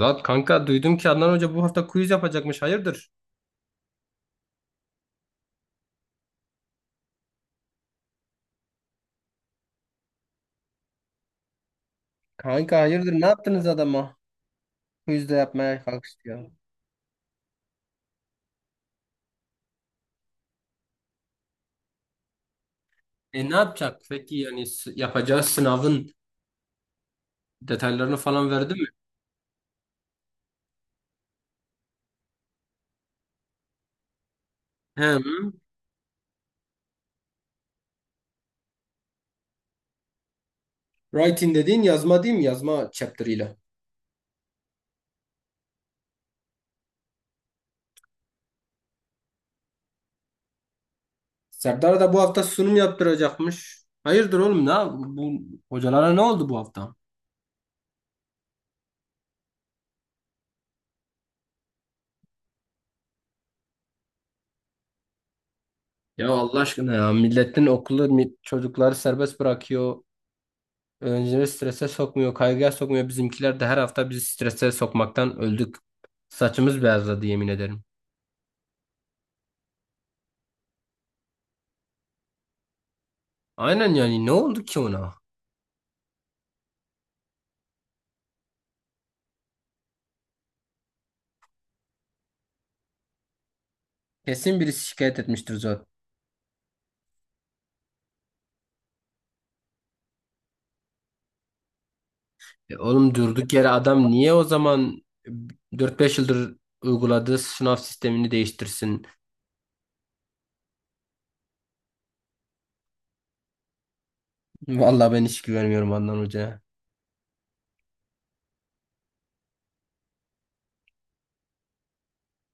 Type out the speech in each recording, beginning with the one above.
Lan kanka duydum ki Adnan Hoca bu hafta quiz yapacakmış. Hayırdır? Kanka hayırdır ne yaptınız adama? Quiz de yapmaya kalkıştı. E ne yapacak? Peki yani yapacağı sınavın detaylarını falan verdi mi? Hem writing dediğin yazma değil mi? Yazma chapter'ıyla. Serdar da bu hafta sunum yaptıracakmış. Hayırdır oğlum Bu hocalara ne oldu bu hafta? Ya Allah aşkına ya milletin okulu çocukları serbest bırakıyor. Öğrencileri strese sokmuyor, kaygıya sokmuyor. Bizimkiler de her hafta bizi strese sokmaktan öldük. Saçımız beyazladı yemin ederim. Aynen yani ne oldu ki ona? Kesin birisi şikayet etmiştir zaten. E oğlum durduk yere adam niye o zaman 4-5 yıldır uyguladığı sınav sistemini değiştirsin? Vallahi ben hiç güvenmiyorum Adnan Hoca'ya.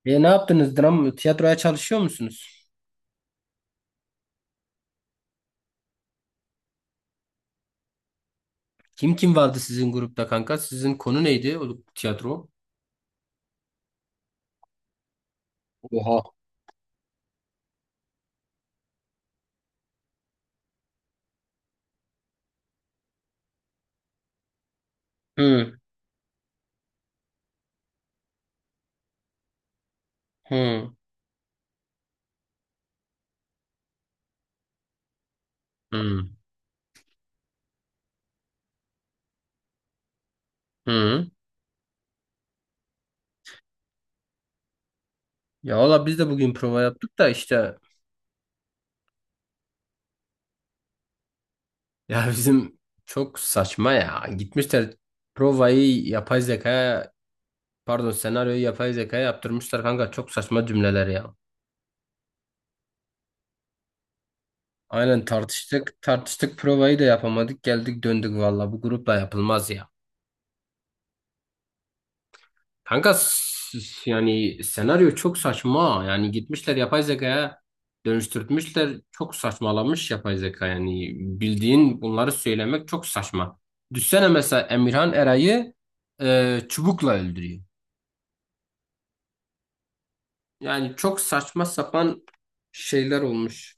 E ne yaptınız? Dram, tiyatroya çalışıyor musunuz? Kim kim vardı sizin grupta kanka? Sizin konu neydi o tiyatro? Oha. Hı, hı, hı, hı. Ya valla biz de bugün prova yaptık da işte ya bizim çok saçma ya. Gitmişler provayı yapay zekaya pardon senaryoyu yapay zekaya yaptırmışlar kanka çok saçma cümleler ya. Aynen tartıştık tartıştık provayı da yapamadık geldik döndük valla bu grupla yapılmaz ya. Kanka yani senaryo çok saçma. Yani gitmişler yapay zekaya dönüştürtmüşler. Çok saçmalamış yapay zeka. Yani bildiğin bunları söylemek çok saçma. Düşsene mesela Emirhan Eray'ı çubukla öldürüyor. Yani çok saçma sapan şeyler olmuş.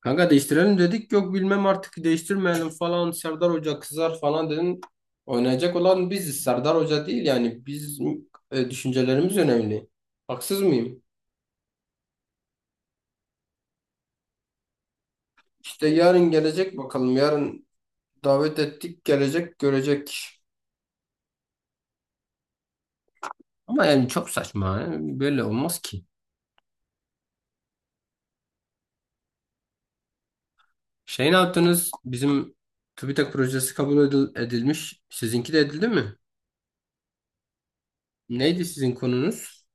Kanka değiştirelim dedik. Yok bilmem artık değiştirmeyelim falan. Serdar Hoca kızar falan dedin. Oynayacak olan biziz. Serdar Hoca değil yani. Biz düşüncelerimiz önemli. Haksız mıyım? İşte yarın gelecek bakalım. Yarın davet ettik gelecek görecek. Ama yani çok saçma. Yani böyle olmaz ki. Şey ne yaptınız? Bizim TÜBİTAK projesi kabul edilmiş. Sizinki de edildi mi? Neydi sizin konunuz?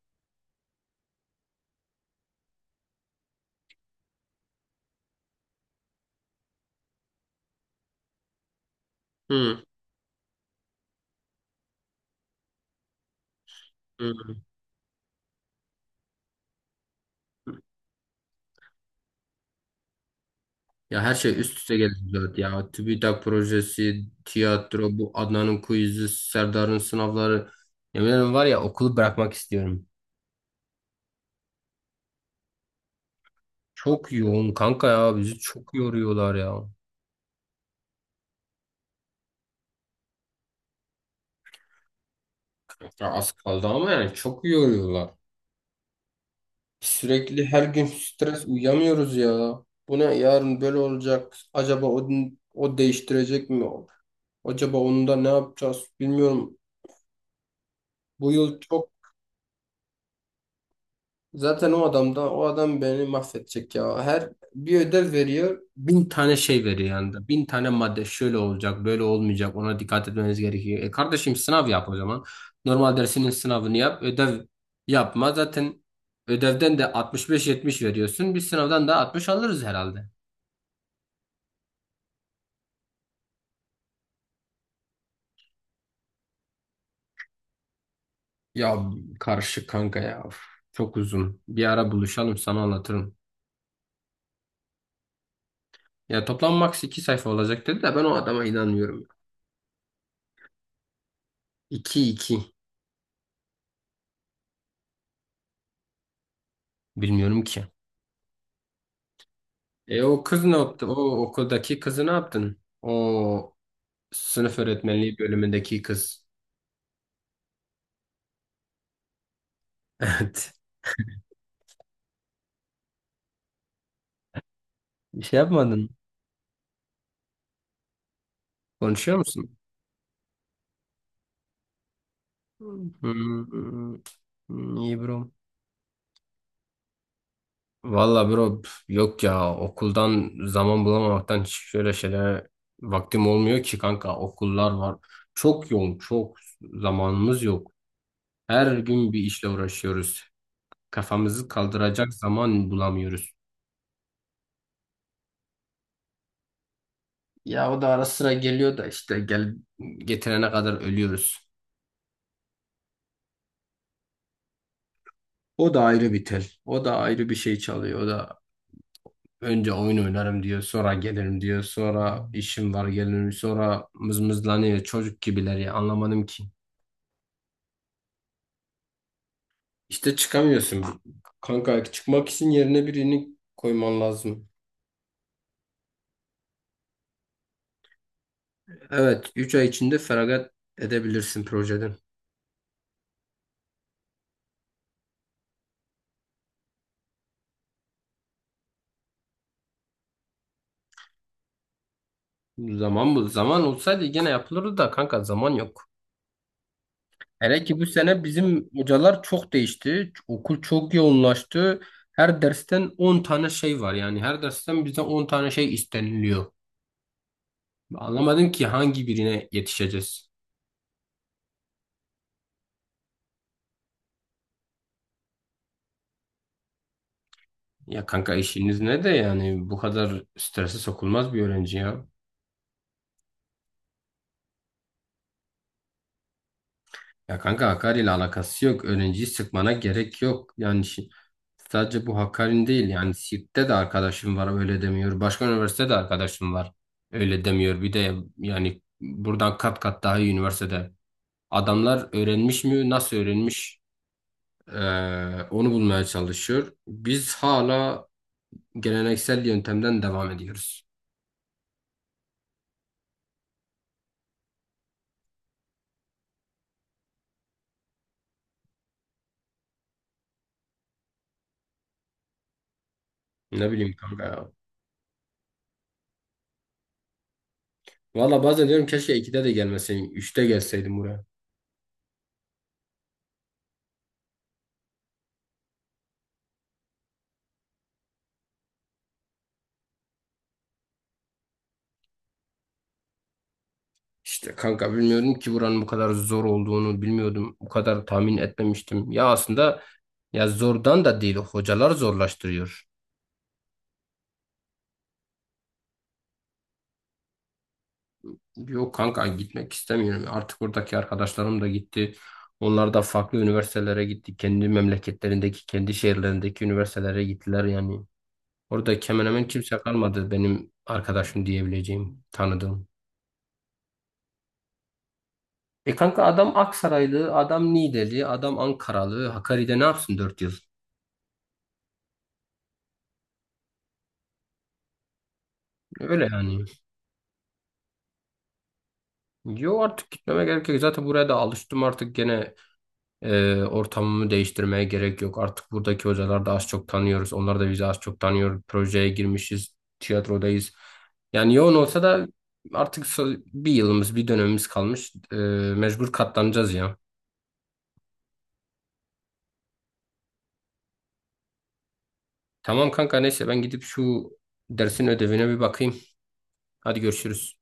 Hı, hı. Ya her şey üst üste geldi zaten ya. TÜBİTAK projesi, tiyatro, bu Adnan'ın quiz'i, Serdar'ın sınavları. Yemin ederim var ya okulu bırakmak istiyorum. Çok yoğun kanka ya bizi çok yoruyorlar ya. Ya az kaldı ama yani çok yoruyorlar. Sürekli her gün stres uyuyamıyoruz ya. Bu ne yarın böyle olacak. Acaba o, o değiştirecek mi? Acaba onu da ne yapacağız bilmiyorum. Bu yıl çok zaten o adam da o adam beni mahvedecek ya. Her bir ödev veriyor. Bin tane şey veriyor yanında. Bin tane madde şöyle olacak böyle olmayacak ona dikkat etmeniz gerekiyor. E kardeşim sınav yap o zaman. Normal dersinin sınavını yap ödev yapma. Zaten ödevden de 65-70 veriyorsun. Biz sınavdan da 60 alırız herhalde. Ya karışık kanka ya. Of, çok uzun. Bir ara buluşalım sana anlatırım. Ya toplam max 2 sayfa olacak dedi de ben o adama inanmıyorum. İki iki bilmiyorum ki. E o kız ne yaptı? O okuldaki kızı ne yaptın? O sınıf öğretmenliği bölümündeki kız. Evet. Bir şey yapmadın. Konuşuyor musun? Hmm, hmm, iyi bro. Valla bro pf, yok ya okuldan zaman bulamamaktan hiç şöyle şeylere vaktim olmuyor ki kanka okullar var. Çok yoğun çok zamanımız yok. Her gün bir işle uğraşıyoruz. Kafamızı kaldıracak zaman bulamıyoruz. Ya o da ara sıra geliyor da işte gel getirene kadar ölüyoruz. O da ayrı bir tel. O da ayrı bir şey çalıyor. O da önce oyun oynarım diyor, sonra gelirim diyor, sonra işim var gelirim, sonra mızmızlanıyor. Çocuk gibiler ya anlamadım ki. İşte çıkamıyorsun. Kanka çıkmak için yerine birini koyman lazım. Evet, 3 ay içinde feragat edebilirsin projeden. Zaman bu. Zaman olsaydı gene yapılırdı da kanka zaman yok. Hele ki bu sene bizim hocalar çok değişti. Okul çok yoğunlaştı. Her dersten 10 tane şey var. Yani her dersten bizden 10 tane şey isteniliyor. Anlamadım ki hangi birine yetişeceğiz. Ya kanka işiniz ne de yani bu kadar strese sokulmaz bir öğrenci ya. Ya kanka Hakkari ile alakası yok. Öğrenciyi sıkmana gerek yok. Yani sadece bu Hakkari'nin değil. Yani Siirt'te de arkadaşım var öyle demiyor. Başka üniversitede de arkadaşım var öyle demiyor. Bir de yani buradan kat kat daha iyi üniversitede. Adamlar öğrenmiş mi nasıl öğrenmiş onu bulmaya çalışıyor. Biz hala geleneksel yöntemden devam ediyoruz. Ne bileyim kanka ya. Valla bazen diyorum keşke ikide de gelmeseydim. Üçte gelseydim buraya. İşte kanka bilmiyorum ki buranın bu kadar zor olduğunu bilmiyordum. Bu kadar tahmin etmemiştim. Ya aslında ya zordan da değil hocalar zorlaştırıyor. Yok kanka gitmek istemiyorum. Artık buradaki arkadaşlarım da gitti. Onlar da farklı üniversitelere gitti. Kendi memleketlerindeki, kendi şehirlerindeki üniversitelere gittiler yani. Orada hemen hemen kimse kalmadı benim arkadaşım diyebileceğim, tanıdığım. E kanka adam Aksaraylı, adam Niğdeli, adam Ankaralı. Hakkari'de ne yapsın 4 yıl? Öyle yani. Yo artık gitmeme gerek yok. Zaten buraya da alıştım artık gene ortamımı değiştirmeye gerek yok. Artık buradaki hocalar da az çok tanıyoruz. Onlar da bizi az çok tanıyor. Projeye girmişiz. Tiyatrodayız. Yani yoğun olsa da artık bir yılımız bir dönemimiz kalmış. Mecbur katlanacağız ya. Tamam kanka neyse ben gidip şu dersin ödevine bir bakayım. Hadi görüşürüz.